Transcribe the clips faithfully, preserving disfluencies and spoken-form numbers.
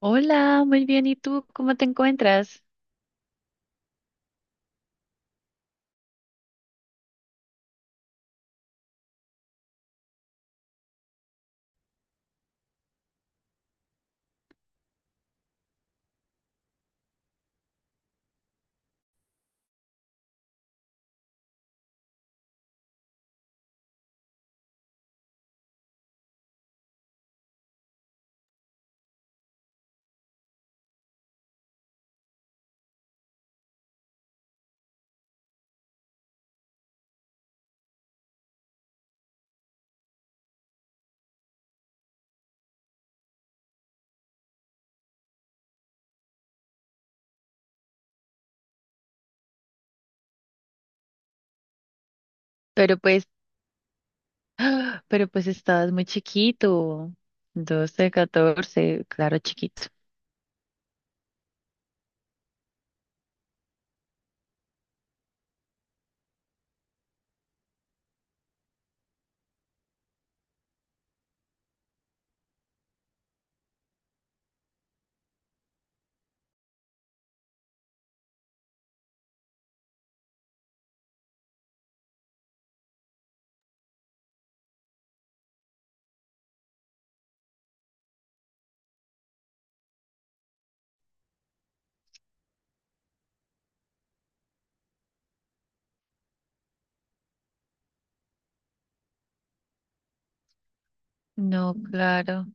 Hola, muy bien. ¿Y tú cómo te encuentras? Pero pues, pero pues estabas muy chiquito. Doce, catorce, claro, chiquito. No, claro.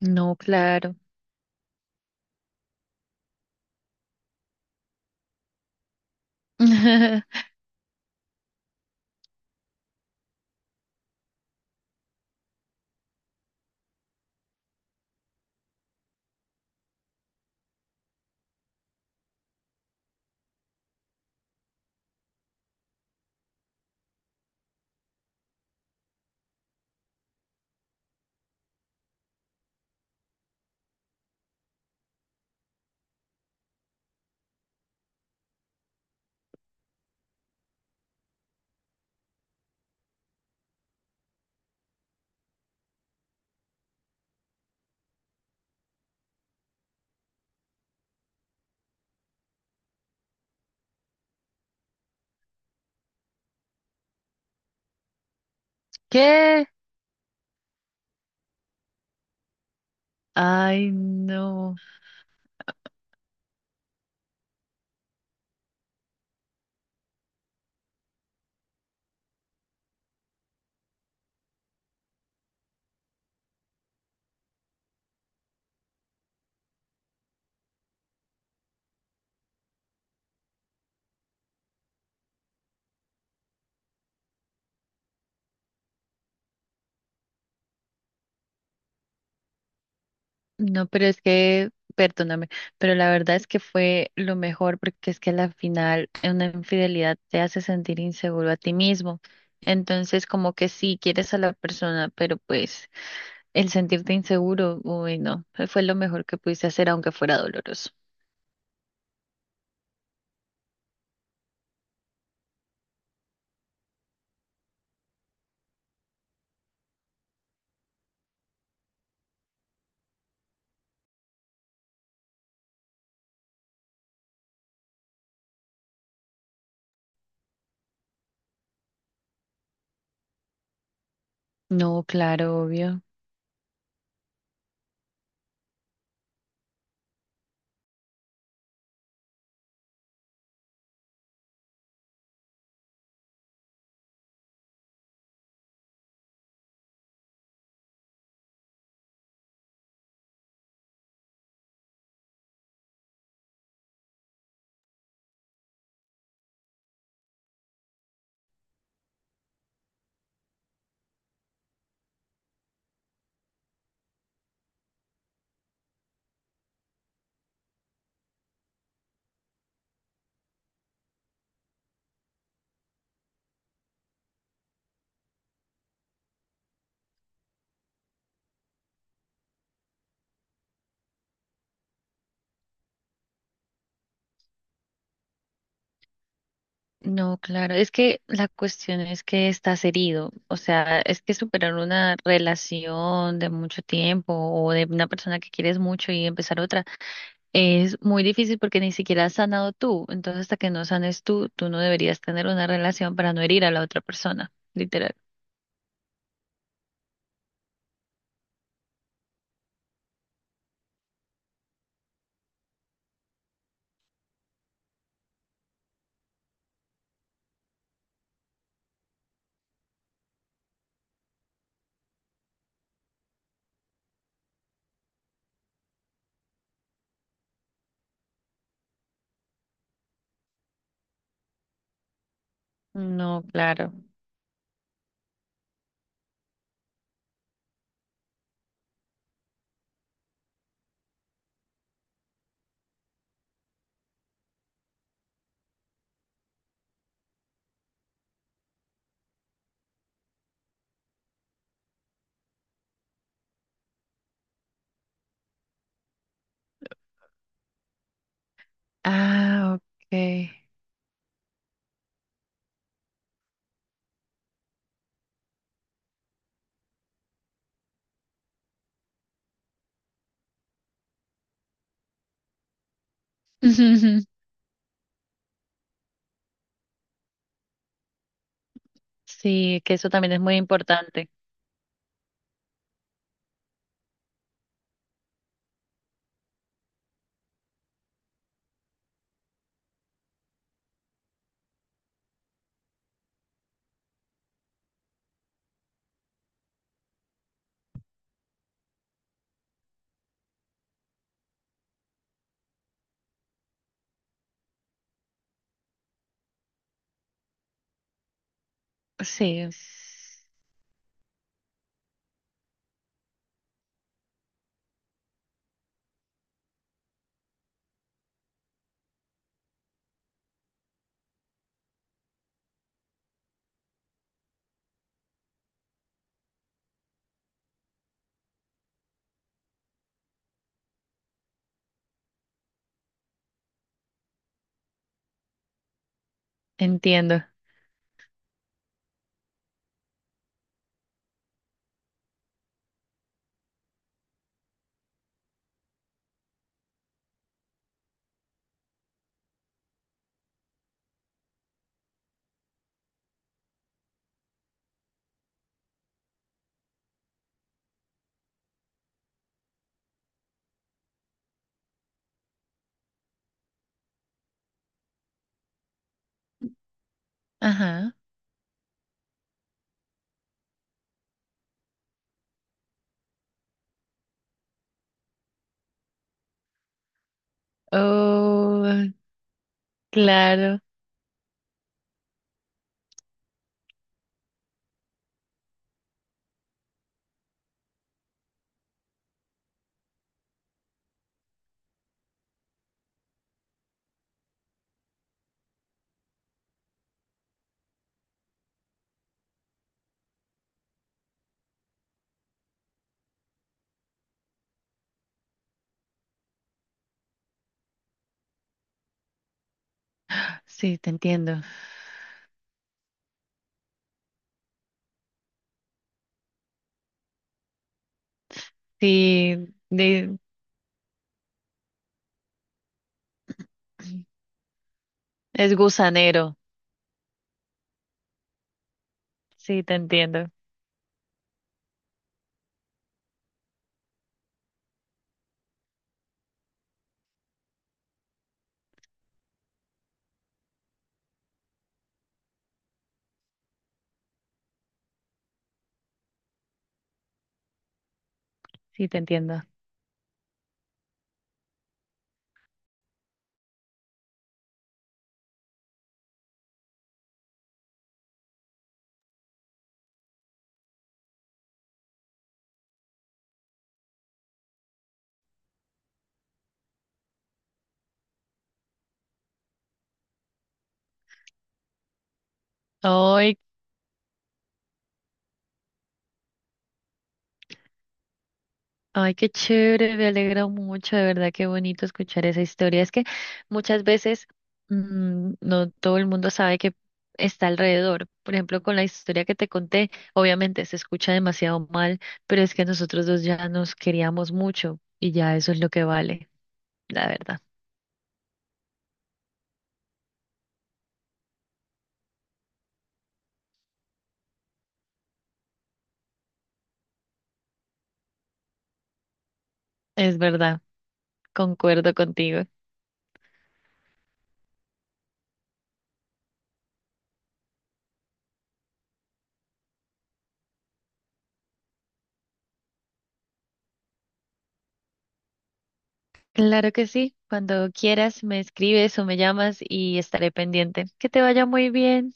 No, claro. ¿Qué? Ay, no. No, pero es que, perdóname, pero la verdad es que fue lo mejor porque es que a la final una infidelidad te hace sentir inseguro a ti mismo. Entonces, como que sí, quieres a la persona, pero pues... El sentirte inseguro, uy, no, fue lo mejor que pudiste hacer, aunque fuera doloroso. No, claro, obvio. No, claro. Es que la cuestión es que estás herido. O sea, es que superar una relación de mucho tiempo o de una persona que quieres mucho y empezar otra es muy difícil porque ni siquiera has sanado tú. Entonces, hasta que no sanes tú, tú no deberías tener una relación para no herir a la otra persona, literal. No, claro. Ah, ok. Sí, que eso también es muy importante. Sí, entiendo. Ajá. Oh, claro. Sí, te entiendo. Sí, de- es gusanero. Sí, te entiendo. Sí, te entiendo. Oh. Ay, qué chévere, me alegra mucho, de verdad, qué bonito escuchar esa historia. Es que muchas veces mm, no todo el mundo sabe que está alrededor. Por ejemplo, con la historia que te conté, obviamente se escucha demasiado mal, pero es que nosotros dos ya nos queríamos mucho y ya eso es lo que vale, la verdad. Es verdad, concuerdo contigo. Claro que sí, cuando quieras me escribes o me llamas y estaré pendiente. Que te vaya muy bien.